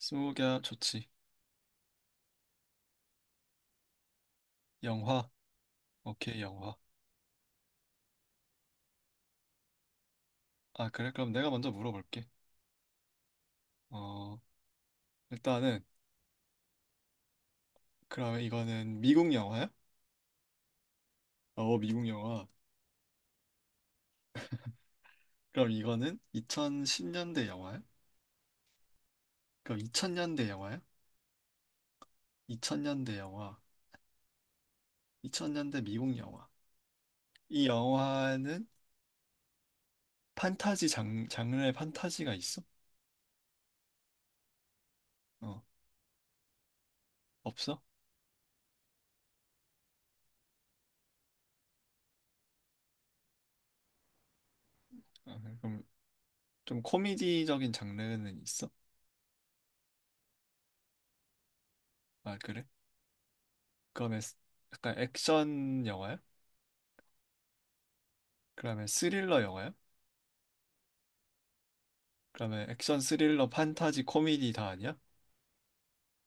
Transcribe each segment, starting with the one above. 스무고개 좋지. 영화. 오케이, 영화. 아, 그래? 그럼 내가 먼저 물어볼게. 어, 일단은 그러면 이거는 미국 영화야? 어, 미국 영화. 그럼 이거는 2010년대 영화야? 그럼 2000년대 영화야? 2000년대 영화. 2000년대 미국 영화. 이 영화는 판타지 장르의 판타지가 있어? 어, 없어? 아, 그럼 좀 코미디적인 장르는 있어? 아, 그래? 그러면 약간 액션 영화야? 그러면 스릴러 영화야? 그러면 액션 스릴러 판타지 코미디 다 아니야?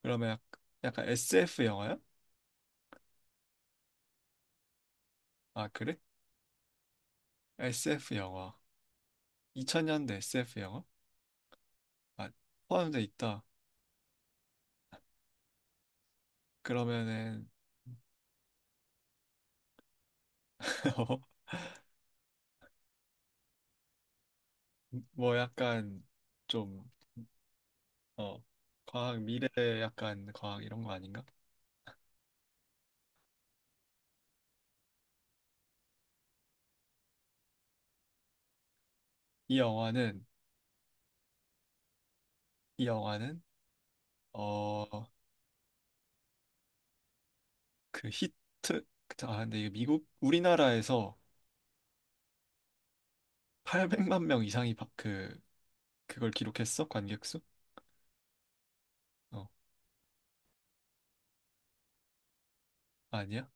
그러면 약간 SF 영화야? 아, 그래? SF 영화. 2000년대 SF 영화? 아, 포함돼 있다. 그러면은 뭐 약간 좀 어 과학 미래, 약간 과학 이런 거 아닌가? 이 영화는 이 영화는 어 그 히트 아 근데 이게 미국, 우리나라에서 800만 명 이상이 그걸 기록했어? 관객수? 어, 아니야?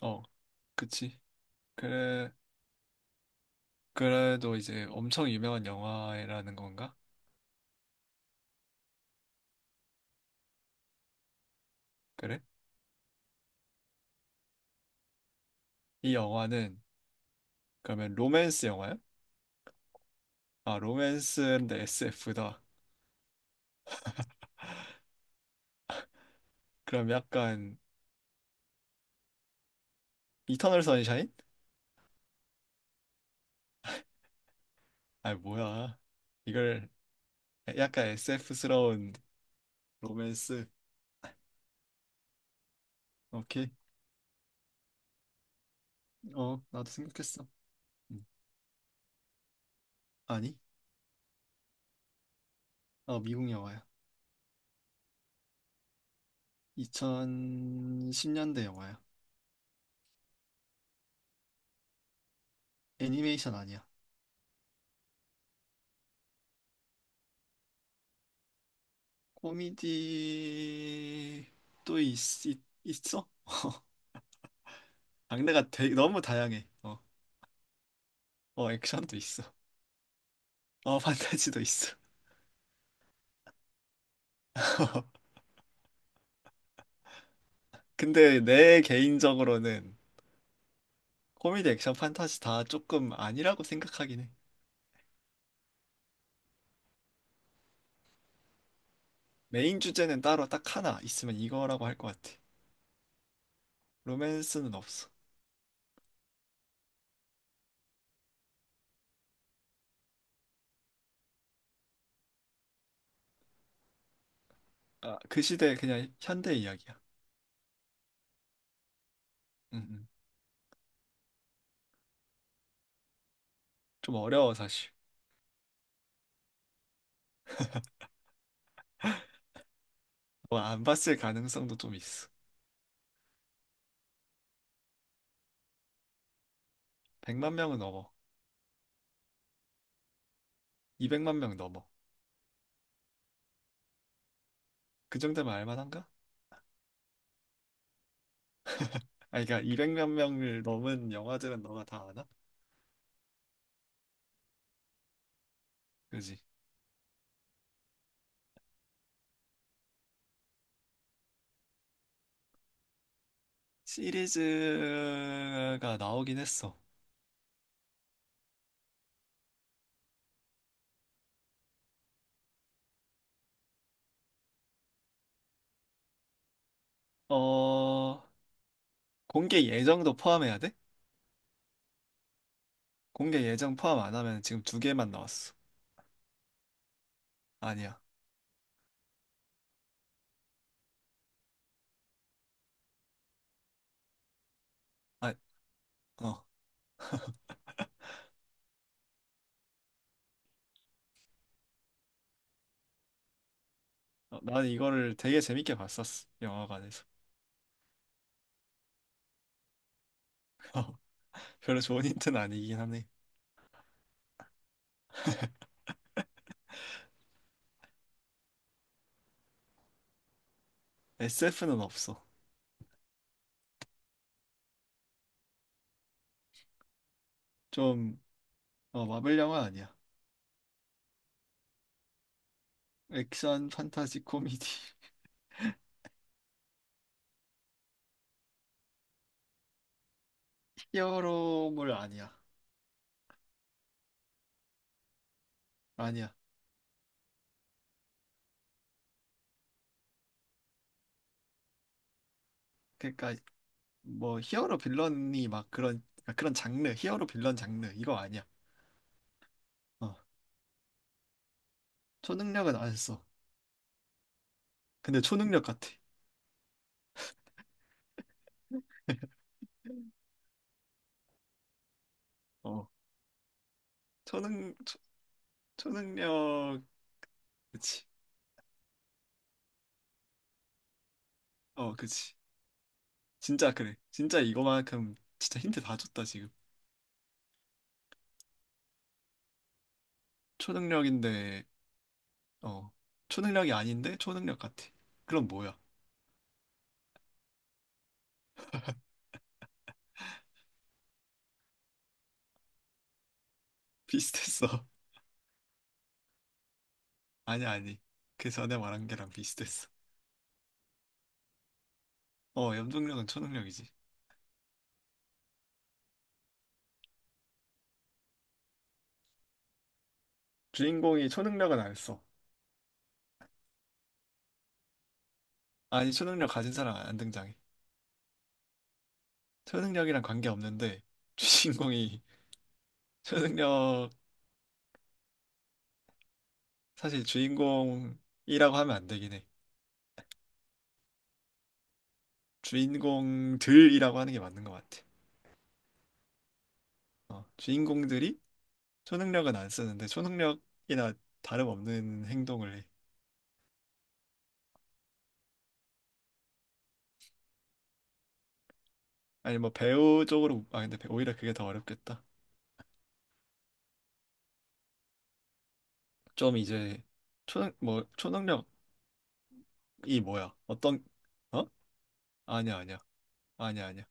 어, 그치. 그래, 그래도 이제 엄청 유명한 영화라는 건가? 그래? 이 영화는 그러면 로맨스 영화야? 아, 로맨스인데 SF다. 그럼 약간 이터널 선샤인? 아, 뭐야. 이걸 약간 SF스러운 로맨스. 오케이. 어, 나도 생각했어. 음, 아니? 어, 미국 영화야. 2010년대 영화야. 애니메이션 아니야. 코미디 또 있어? 장르가 되게 너무 다양해. 어, 액션도 있어. 어, 판타지도 있어. 근데 내 개인적으로는 코미디, 액션, 판타지 다 조금 아니라고 생각하긴 해. 메인 주제는 따로 딱 하나 있으면 이거라고 할 것 같아. 로맨스는 없어. 아, 그 시대 그냥 현대 이야기야. 음, 음. 좀 어려워, 사실. 뭐, 안 봤을 가능성도 좀 있어. 100만 명은 넘어. 200만 명 넘어. 그 정도면 알만한가? 아, 그러니까 200만 명을 넘은 영화들은 너가 다 아나? 그지? 시리즈가 나오긴 했어. 어, 공개 예정도 포함해야 돼? 공개 예정 포함 안 하면 지금 두 개만 나왔어. 아니야. 아, 어. 어, 난 이거를 되게 재밌게 봤었어. 영화관에서. 별로 좋은 힌트는 아니긴 하네. SF는 없어. 좀, 마블 영화 아니야. 액션, 판타지, 코미디. 히어로물 아니야. 아니야. 그러니까 뭐, 히어로 빌런이 막 그런, 그러니까 그런 장르, 히어로 빌런 장르 이거 아니야. 어. 초능력은 안 했어. 근데 초능력 같아. 어. 초능, 초, 초능력, 그치. 어, 그치. 진짜 그래. 진짜 이거만큼 진짜 힌트 다 줬다, 지금. 초능력인데, 어. 초능력이 아닌데 초능력 같아. 그럼 뭐야? 비슷했어. 아니, 아니. 그 전에 말한 게랑 비슷했어. 어, 염동력은 초능력이지. 주인공이 초능력은 안 했어. 아니, 초능력 가진 사람 안 등장해. 초능력이랑 관계없는데, 주인공이 초능력, 사실 주인공이라고 하면 안 되긴 해. 주인공들이라고 하는 게 맞는 것 같아. 어, 주인공들이 초능력은 안 쓰는데 초능력이나 다름없는 행동을 해. 아니, 뭐 배우 쪽으로, 아 근데 오히려 그게 더 어렵겠다. 좀 이제 초능 뭐 초능력이 뭐야? 어떤 어? 아니야, 아니야, 아니야, 아니야.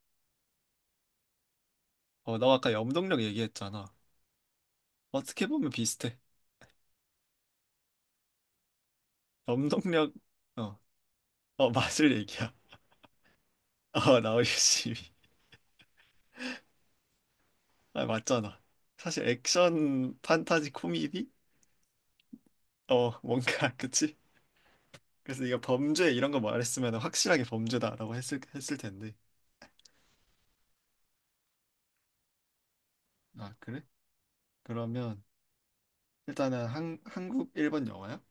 어, 너 아까 염동력 얘기했잖아. 어떻게 보면 비슷해. 염동력. 어어 마술 얘기야. 어, 나오기 심히. 아, 맞잖아. 사실 액션, 판타지, 코미디? 어, 뭔가, 그치? 그래서 네가 범죄 이런 거 말했으면 확실하게 범죄다라고 했을 텐데. 아, 그래? 그러면 일단은 한국, 일본 영화야?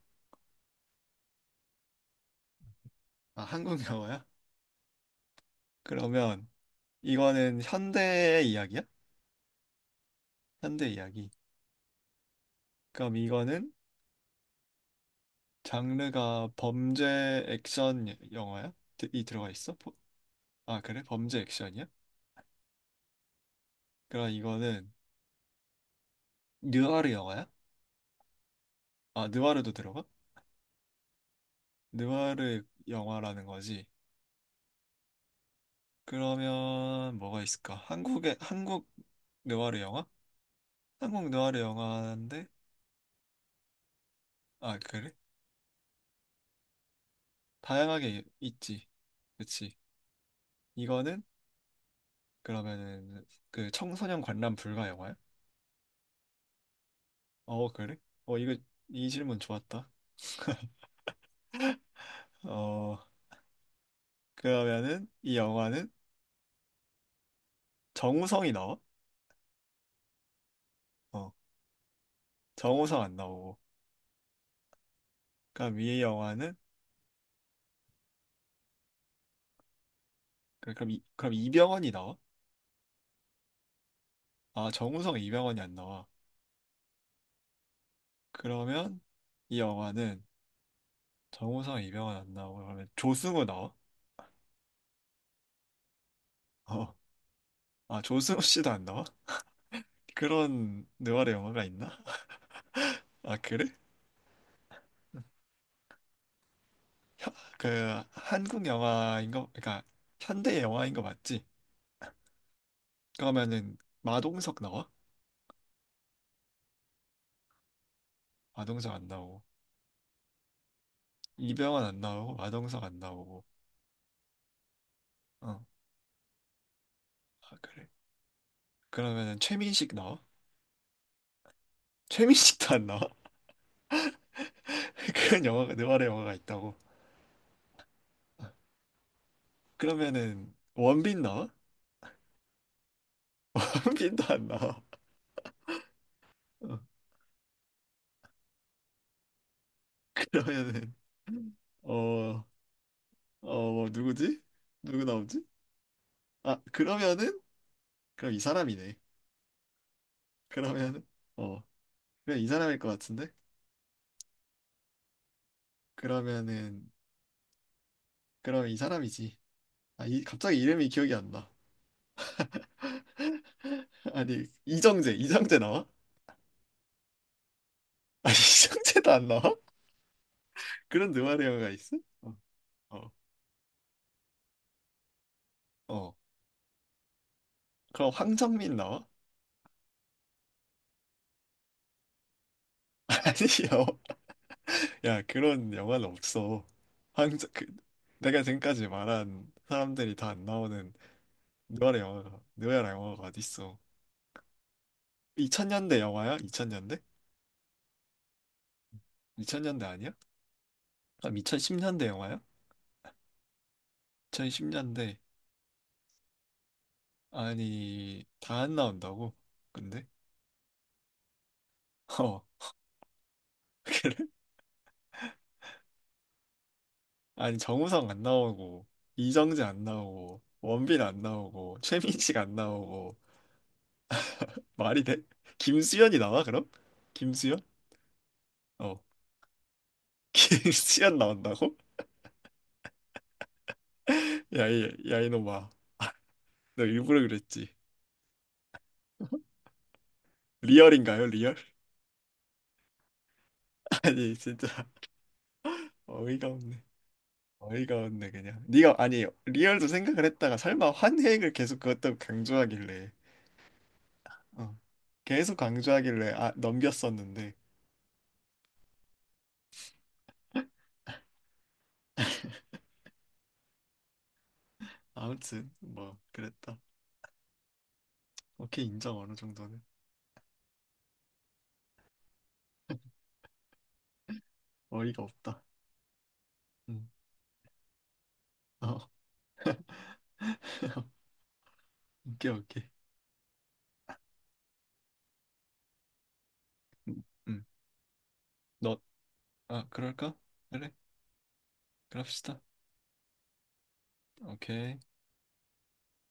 아, 한국 영화야? 그러면 이거는 현대 이야기야? 현대 이야기. 그럼 이거는 장르가 범죄 액션 영화야? 이 들어가 있어? 아, 그래? 범죄 액션이야? 그럼 이거는 느와르 영화야? 아, 느와르도 들어가? 느와르 영화라는 거지. 그러면 뭐가 있을까? 한국 느와르 영화? 한국 느와르 영화인데, 아, 그래? 다양하게 있지. 그치? 이거는, 그러면은 그 청소년 관람 불가 영화야? 어, 그래? 어, 이거 이 질문 좋았다. 어, 그러면은 이 영화는 정우성이 나와? 어, 정우성 안 나오고. 그럼 이 영화는, 그럼 이병헌이 나와? 아, 정우성, 이병헌이 안 나와. 그러면 이 영화는 정우성, 이병헌 안 나오고, 그러면 조승우 나와? 어. 아, 조승우 씨도 안 나와? 그런 느와르 영화가 있나? 아, 그래? 혀- 그 한국 영화인 거, 그러니까 현대 영화인 거 맞지? 그러면은 마동석 나와? 마동석 안 나오고, 이병헌 안 나오고, 마동석 안 나오고. 어. 아, 그래. 그러면은 최민식 나와? 최민식도 안 나와? 그런 영화가, 느와르 영화가 있다고. 그러면은 원빈 나와? 원빈도 안 나와. 어. 그러면은 어, 어, 뭐 누구지? 누구 나오지? 아, 그러면은 그럼 이 사람이네. 그러면은 어, 그냥 이 사람일 것 같은데? 그러면은, 그러면 이 사람이지. 아, 이 갑자기 이름이 기억이 안 나. 아니, 이정재 나와? 아니, 이정재도 안 나와? 그런 누마리 영화가 있어? 어, 어, 어. 그럼 황정민 나와? 아니요. 야, 그런 영화는 없어. 황정 그 내가 지금까지 말한 사람들이 다 안 나오는. 너야 영화가 어딨어? 2000년대 영화야? 2000년대? 2000년대 아니야? 그럼 2010년대 영화야? 2010년대. 아니, 다 안 나온다고? 근데 어 그래? 아니, 정우성 안 나오고, 이정재 안 나오고, 원빈 안 나오고, 최민식 안 나오고. 말이 돼? 김수현이 나와, 그럼? 김수현? 어. 김수현 나온다고? 야이 야 이놈아, 너 일부러 그랬지. 리얼인가요, 리얼? 아니, 진짜 어이가 없네. 어이가 없네, 그냥. 네가, 아니, 리얼도 생각을 했다가 설마 환획을 계속 그것도 강조하길래, 어, 계속 강조하길래 넘겼었는데, 아무튼 뭐 그랬다. 오케이. 인정, 어느 정도는. 어이가 없다. 음. 어. 오케이, 오케이. 음. 음. 너 아, 그럴까? 그래. 그럽시다. 오케이.